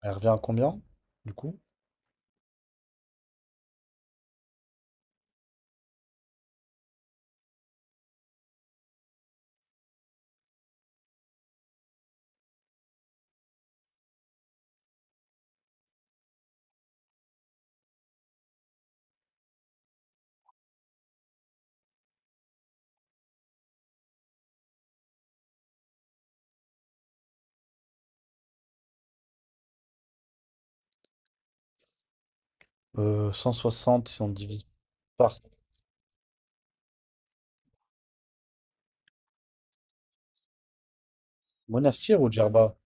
Elle revient à combien, du coup? 160 si on divise par... Monastir ou Djerba?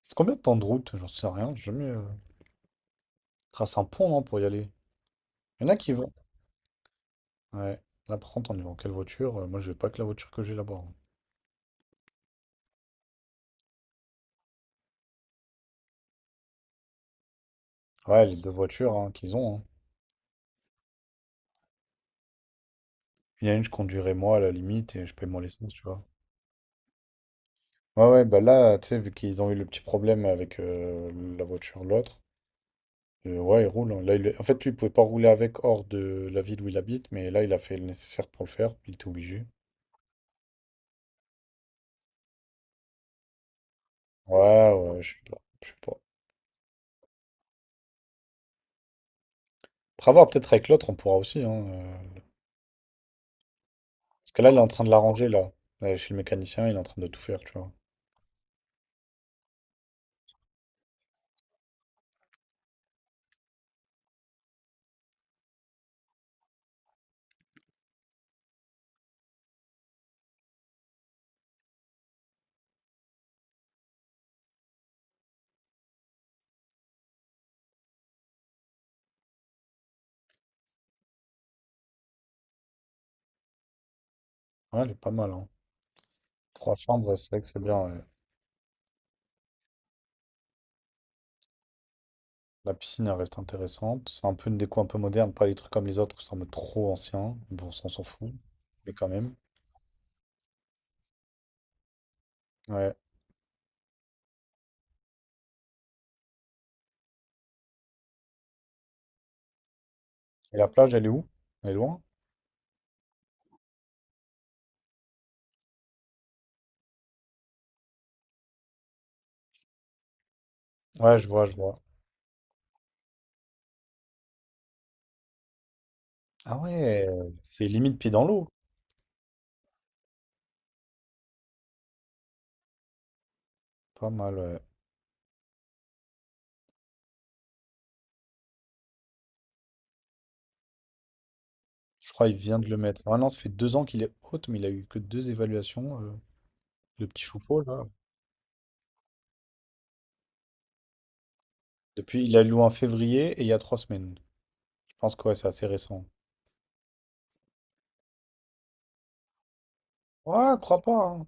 C'est combien de temps de route? J'en sais rien. J'ai jamais trace un pont, non, pour y aller. Il y en a qui vont. Ouais. Là, par contre, on y va en quelle voiture? Moi, je vais pas que la voiture que j'ai là-bas, hein. Ouais, les deux voitures hein, qu'ils ont, hein. Il y en a une, je conduirai moi à la limite et je paye mon essence, tu vois. Ouais, ouais, bah là, tu sais, vu qu'ils ont eu le petit problème avec la voiture, l'autre, ouais, il roule, hein. Là, en fait, lui, il pouvait pas rouler avec hors de la ville où il habite, mais là, il a fait le nécessaire pour le faire. Il était obligé. Ouais, ouais, je sais pas. Je sais pas. Après avoir peut-être avec l'autre, on pourra aussi. Hein, parce que là, il est en train de l'arranger, là. Chez le mécanicien, il est en train de tout faire, tu vois. Ouais, elle est pas mal, hein. Trois chambres, c'est vrai que c'est bien, ouais. La piscine, elle reste intéressante. C'est un peu une déco un peu moderne, pas les trucs comme les autres, ça me trop ancien. Bon, ça, on s'en fout. Mais quand même. Ouais. Et la plage, elle est où? Elle est loin? Ouais, je vois, je vois. Ah ouais, c'est limite pied dans l'eau. Pas mal, ouais. Je crois qu'il vient de le mettre. Ah non, ça fait 2 ans qu'il est haute, mais il a eu que deux évaluations, le petit choupeau, là. Depuis, il a loué en février et il y a trois semaines. Je pense que ouais, c'est assez récent. Ouais, crois pas, hein.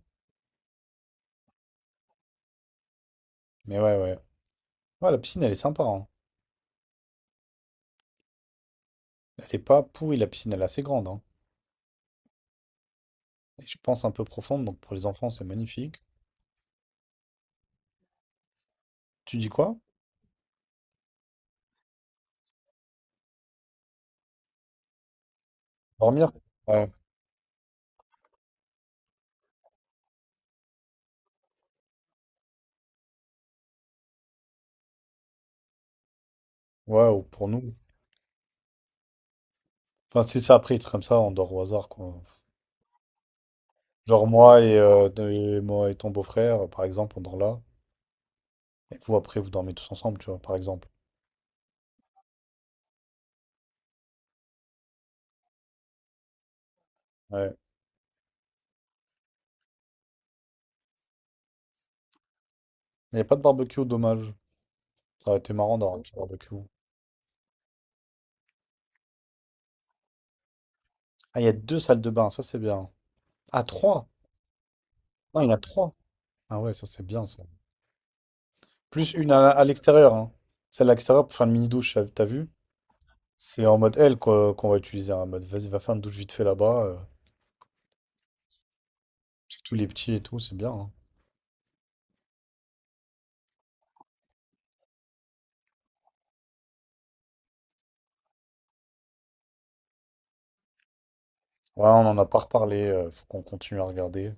Mais ouais, ouais. Ouais, la piscine, elle est sympa, hein. Elle est pas pourrie, la piscine, elle est assez grande, hein. Et je pense un peu profonde, donc pour les enfants, c'est magnifique. Tu dis quoi? Dormir? Ouais. Ouais, ou pour nous. Enfin, si c'est après, des trucs comme ça, on dort au hasard, quoi. Genre moi et, et moi et ton beau-frère, par exemple, on dort là. Et vous, après, vous dormez tous ensemble, tu vois, par exemple. Ouais. Il n'y a pas de barbecue, dommage. Ça aurait été marrant d'avoir un petit barbecue. Ah, il y a deux salles de bain, ça c'est bien. Ah, trois? Non, il y en a trois. Ah ouais, ça c'est bien, ça. Plus une à l'extérieur, hein. Celle à l'extérieur pour faire une mini-douche, t'as vu? C'est en mode L quoi, qu'on va utiliser, hein, en mode vas-y, va faire une douche vite fait là-bas, parce que tous les petits et tout, c'est bien, hein. Ouais, on n'en a pas reparlé, faut qu'on continue à regarder.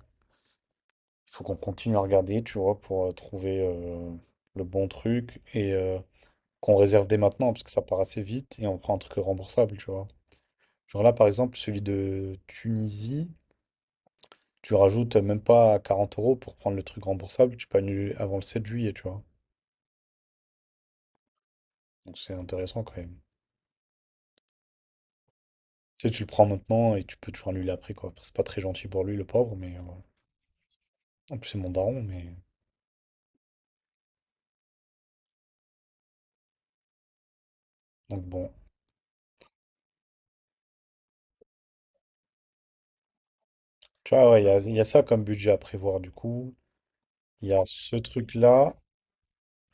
Il faut qu'on continue à regarder, tu vois, pour trouver le bon truc et qu'on réserve dès maintenant, parce que ça part assez vite et on prend un truc remboursable, tu vois. Genre là, par exemple, celui de Tunisie, tu rajoutes même pas 40 euros pour prendre le truc remboursable, tu peux annuler avant le 7 juillet, tu vois. Donc c'est intéressant quand même. Tu sais, tu le prends maintenant et tu peux toujours l'annuler après, quoi. C'est pas très gentil pour lui, le pauvre, mais voilà. En plus, c'est mon daron, mais... Donc bon. Tu vois, ouais, il y a ça comme budget à prévoir, du coup. Il y a ce truc-là,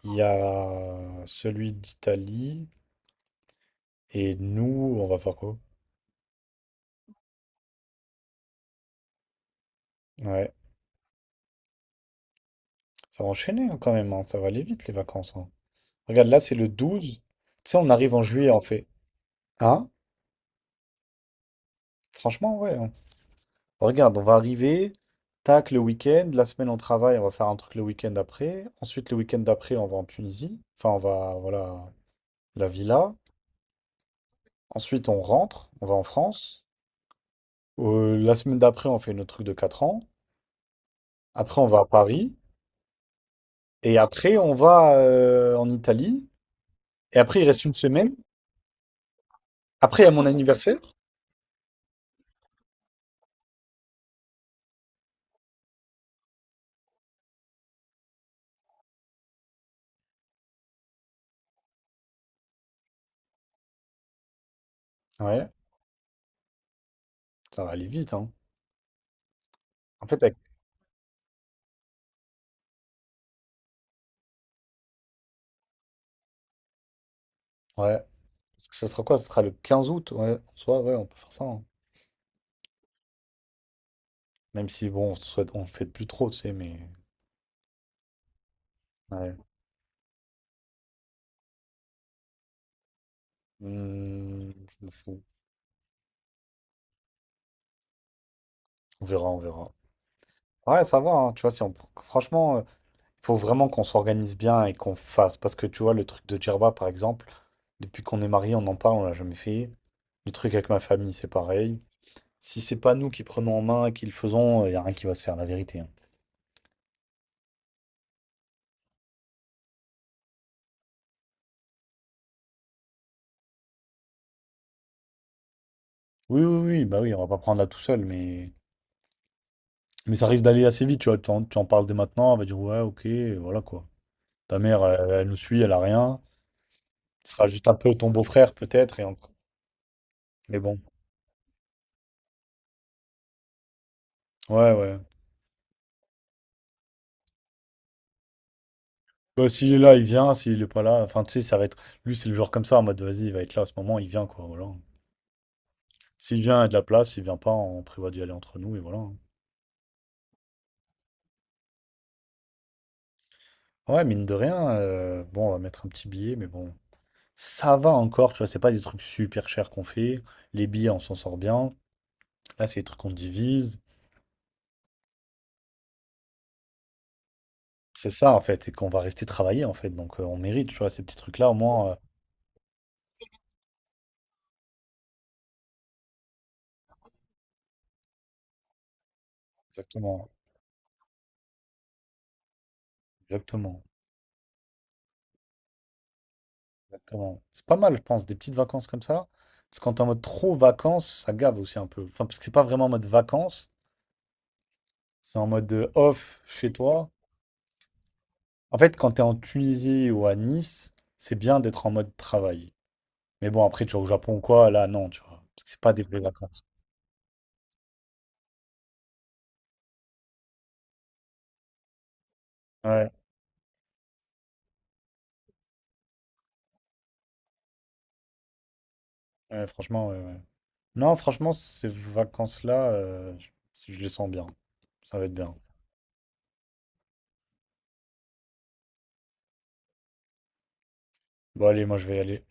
il y a celui d'Italie, et nous, on va faire quoi? Ouais, ça va enchaîner hein, quand même, hein. Ça va aller vite, les vacances, hein. Regarde, là, c'est le douze. Tu sais, on arrive en juillet, en fait. Hein? Franchement, ouais. Regarde, on va arriver, tac, le week-end, la semaine on travaille, on va faire un truc le week-end après. Ensuite, le week-end d'après, on va en Tunisie. Enfin, on va, voilà, la villa. Ensuite, on rentre, on va en France. La semaine d'après, on fait notre truc de 4 ans. Après, on va à Paris. Et après, on va en Italie. Et après, il reste une semaine après à mon anniversaire? Ouais, ça va aller vite, hein. En fait, avec- ouais. Parce que ça sera quoi? Ça sera le 15 août, ouais. En soi, ouais, on peut faire ça, hein. Même si, bon, on souhaite, on fait plus trop, tu sais, mais. Ouais. Hmm, je m'en fous. On verra, on verra. Ouais, ça va, hein, tu vois, si on... franchement, faut vraiment qu'on s'organise bien et qu'on fasse. Parce que tu vois, le truc de Djerba, par exemple, depuis qu'on est mariés, on en parle, on l'a jamais fait. Le truc avec ma famille, c'est pareil. Si c'est pas nous qui prenons en main et qui le faisons, il y a rien qui va se faire, la vérité, hein. Oui, oui, oui, bah oui, on va pas prendre là tout seul, mais ça risque d'aller assez vite, tu vois. Tu en parles dès maintenant, elle va dire ouais, ok, et voilà quoi. Ta mère, elle, elle nous suit, elle a rien. Ce sera juste un peu ton beau-frère, peut-être, et encore. Mais bon, ouais, ouais. Bah, s'il est là, il vient. S'il est pas là, enfin, tu sais, ça va être. Lui, c'est le genre comme ça, en mode, vas-y, il va être là à ce moment, il vient, quoi. Voilà. S'il vient, il y a de la place. S'il vient pas, on prévoit d'y aller entre nous, et voilà. Ouais, mine de rien, bon, on va mettre un petit billet, mais bon. Ça va encore, tu vois, c'est pas des trucs super chers qu'on fait. Les billets, on s'en sort bien. Là, c'est des trucs qu'on divise. C'est ça, en fait, et qu'on va rester travailler, en fait. Donc, on mérite, tu vois, ces petits trucs-là, au moins. Euh, exactement, exactement. Exactement. C'est pas mal, je pense, des petites vacances comme ça. Parce que quand t'es en mode trop vacances, ça gave aussi un peu. Enfin, parce que c'est pas vraiment en mode vacances, c'est en mode off chez toi. En fait, quand t'es en Tunisie ou à Nice, c'est bien d'être en mode travail. Mais bon, après, tu vas au Japon ou quoi, là, non, tu vois. Parce que c'est pas des vraies vacances. Ouais, ouais, franchement, ouais, ouais. Non, franchement, ces vacances-là, je les sens bien. Ça va être bien. Bon, allez, moi, je vais y aller.